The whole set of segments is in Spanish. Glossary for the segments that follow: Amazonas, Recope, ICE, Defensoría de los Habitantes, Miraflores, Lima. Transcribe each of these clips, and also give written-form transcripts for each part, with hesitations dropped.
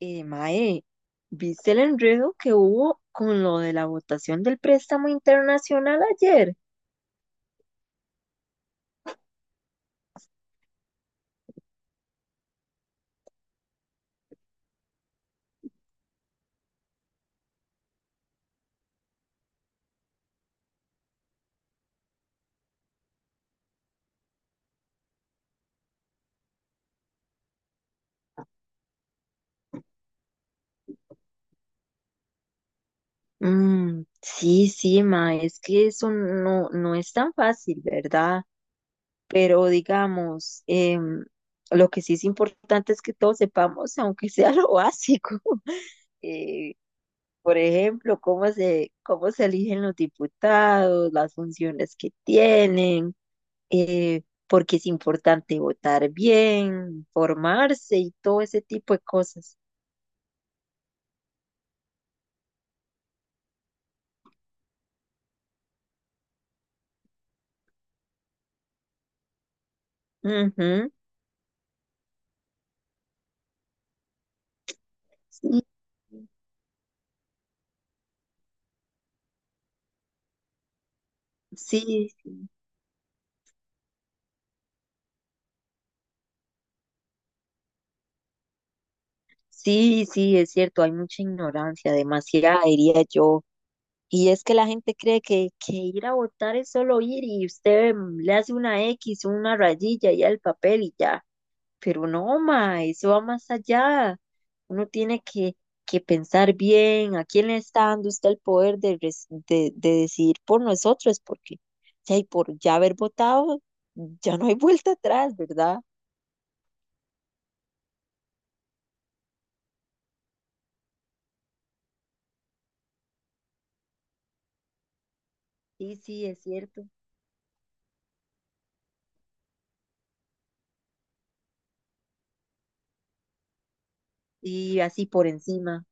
Mae, ¿viste el enredo que hubo con lo de la votación del préstamo internacional ayer? Sí, sí, mae, es que eso no es tan fácil, ¿verdad? Pero digamos, lo que sí es importante es que todos sepamos, aunque sea lo básico. Eh, por ejemplo, cómo se eligen los diputados, las funciones que tienen, por qué es importante votar bien, formarse y todo ese tipo de cosas. Ujú. Sí, sí, sí, sí, es cierto, hay mucha ignorancia, demasiada, diría yo. Y es que la gente cree que ir a votar es solo ir y usted le hace una X, una rayilla y al papel y ya. Pero no, ma, eso va más allá. Uno tiene que, que pensar bien a quién le está dando usted el poder de, de decidir por nosotros, porque si hay por ya haber votado, ya no hay vuelta atrás, ¿verdad? Sí, sí, es cierto. Y así por encima.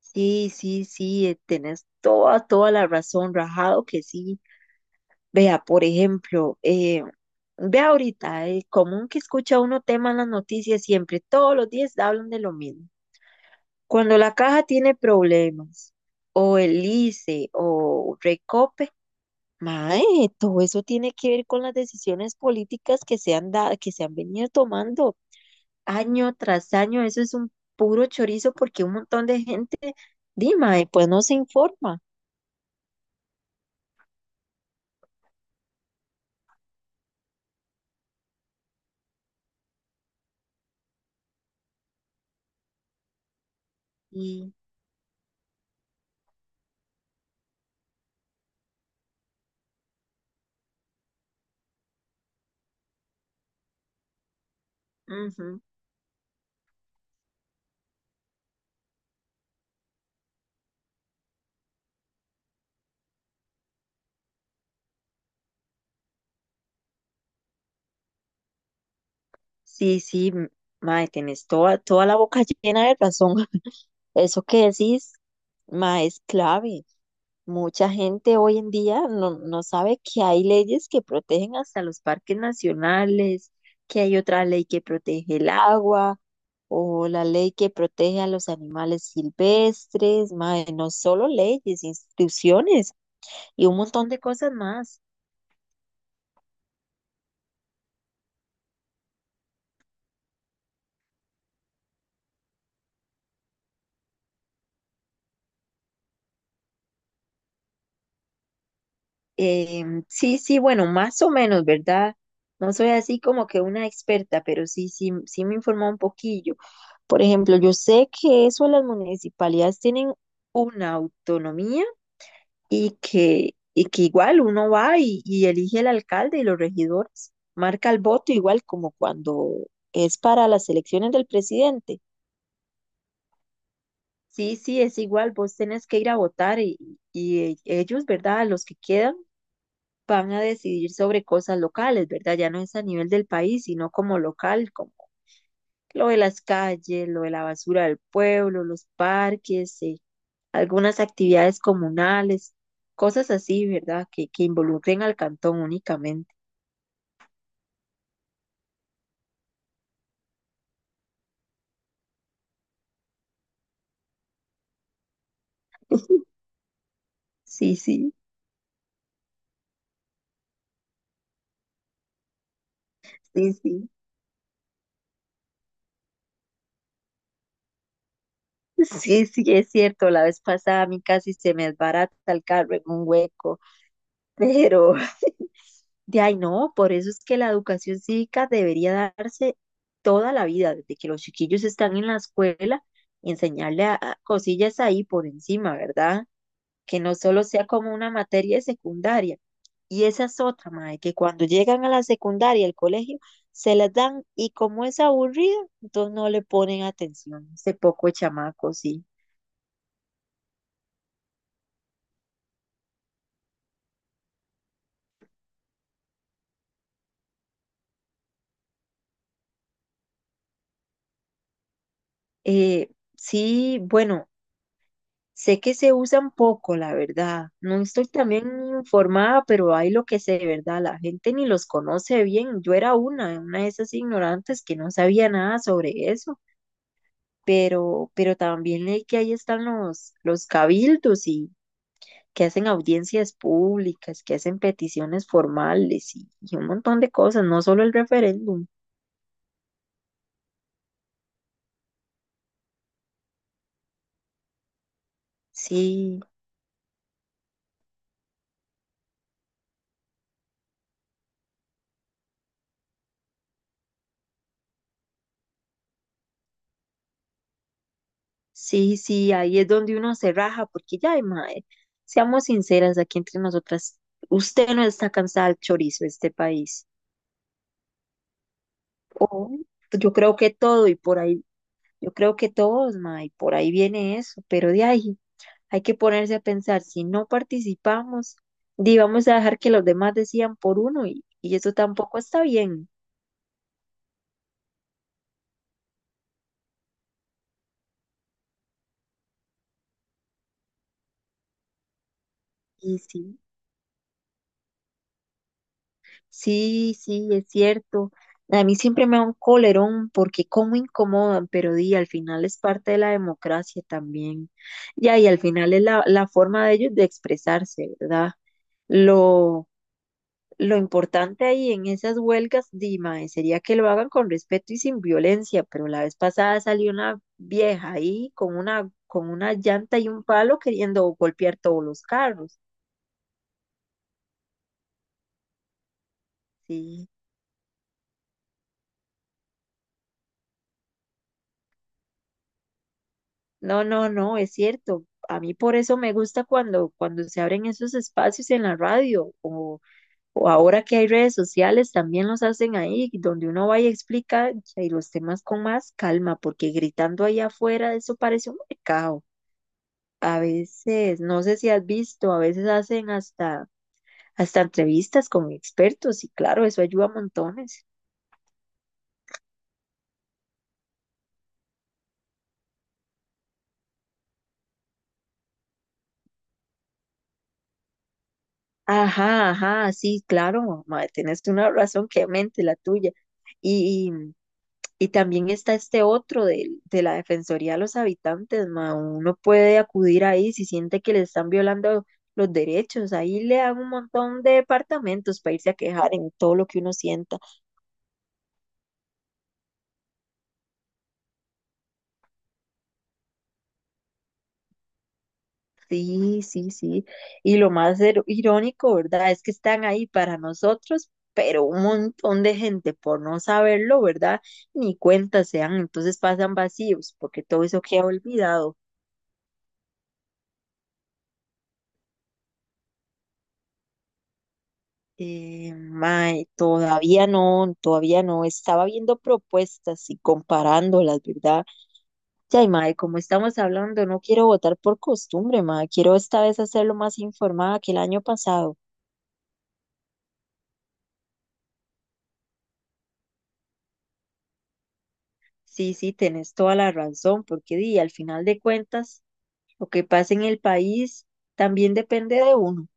Sí, sí, sí, tenés toda, toda la razón, rajado que sí. Vea, por ejemplo, vea ahorita, el común que escucha uno tema en las noticias siempre, todos los días hablan de lo mismo. Cuando la caja tiene problemas, o el ICE, o Recope, mae, todo eso tiene que ver con las decisiones políticas que que se han venido tomando año tras año. Eso es un puro chorizo porque un montón de gente, dime, pues no se informa. Y, ujú. Sí, sí, mae, tenés toda, toda la boca llena de razón. Eso que decís, mae, es clave. Mucha gente hoy en día no sabe que hay leyes que protegen hasta los parques nacionales, que hay otra ley que protege el agua o la ley que protege a los animales silvestres, mae, no solo leyes, instituciones y un montón de cosas más. Sí, sí, bueno, más o menos, ¿verdad? No soy así como que una experta, pero sí, sí, sí me informó un poquillo. Por ejemplo, yo sé que eso las municipalidades tienen una autonomía y que igual uno va y elige al alcalde y los regidores, marca el voto igual como cuando es para las elecciones del presidente. Sí, sí, es igual, vos tenés que ir a votar y ellos, ¿verdad? Los que quedan van a decidir sobre cosas locales, ¿verdad? Ya no es a nivel del país, sino como local, como lo de las calles, lo de la basura del pueblo, los parques, algunas actividades comunales, cosas así, ¿verdad? Que involucren al cantón únicamente. Sí, sí, sí, sí. Sí, sí, es cierto, la vez pasada a mí casi se me desbarata el carro en un hueco, pero de ahí no, por eso es que la educación cívica debería darse toda la vida, desde que los chiquillos están en la escuela, a cosillas ahí por encima, ¿verdad? Que no solo sea como una materia secundaria. Y esa es otra, mae, que cuando llegan a la secundaria, al colegio, se las dan y como es aburrido, entonces no le ponen atención. Ese poco de chamacos, sí. Eh, sí, bueno, sé que se usan poco, la verdad. No estoy también informada, pero hay lo que sé, ¿verdad? La gente ni los conoce bien. Yo era una de esas ignorantes que no sabía nada sobre eso. Pero también leí que ahí están los cabildos y que hacen audiencias públicas, que hacen peticiones formales y un montón de cosas, no solo el referéndum. Sí, sí, sí, ahí es donde uno se raja, porque ya, ay, mae, seamos sinceras aquí entre nosotras, usted no está cansada del chorizo de este país. O yo creo que todo y por ahí, yo creo que todos, mae, por ahí viene eso, pero de ahí hay que ponerse a pensar, si no participamos, di, vamos a dejar que los demás decían por uno y eso tampoco está bien. Y sí. Sí, sí, es cierto. A mí siempre me da un colerón porque cómo incomodan, pero di, al final es parte de la democracia también. Ya, y al final es la forma de ellos de expresarse, ¿verdad? Lo, lo importante ahí en esas huelgas, Dima, sería que lo hagan con respeto y sin violencia, pero la vez pasada salió una vieja ahí con una llanta y un palo queriendo golpear todos los carros. Sí. No, no, no, es cierto. A mí por eso me gusta cuando se abren esos espacios en la radio o ahora que hay redes sociales también los hacen ahí, donde uno va y explica y los temas con más calma, porque gritando ahí afuera eso parece un mercado. A veces, no sé si has visto, a veces hacen hasta entrevistas con expertos y claro, eso ayuda a montones. Ajá, ajá, sí, claro, mae, tienes una razón que mente la tuya. Y también está este otro la Defensoría de los Habitantes, ma. Uno puede acudir ahí si siente que le están violando los derechos. Ahí le dan un montón de departamentos para irse a quejar en todo lo que uno sienta. Sí, sí, sí. Y lo más irónico, ¿verdad? Es que están ahí para nosotros, pero un montón de gente por no saberlo, ¿verdad? Ni cuenta se dan, entonces pasan vacíos, porque todo eso queda olvidado. Mae, todavía no, todavía no. Estaba viendo propuestas y comparándolas, ¿verdad? Ya, y mae, como estamos hablando, no quiero votar por costumbre, mae. Quiero esta vez hacerlo más informada que el año pasado. Sí, sí, tenés toda la razón, porque di, al final de cuentas, lo que pasa en el país también depende de uno.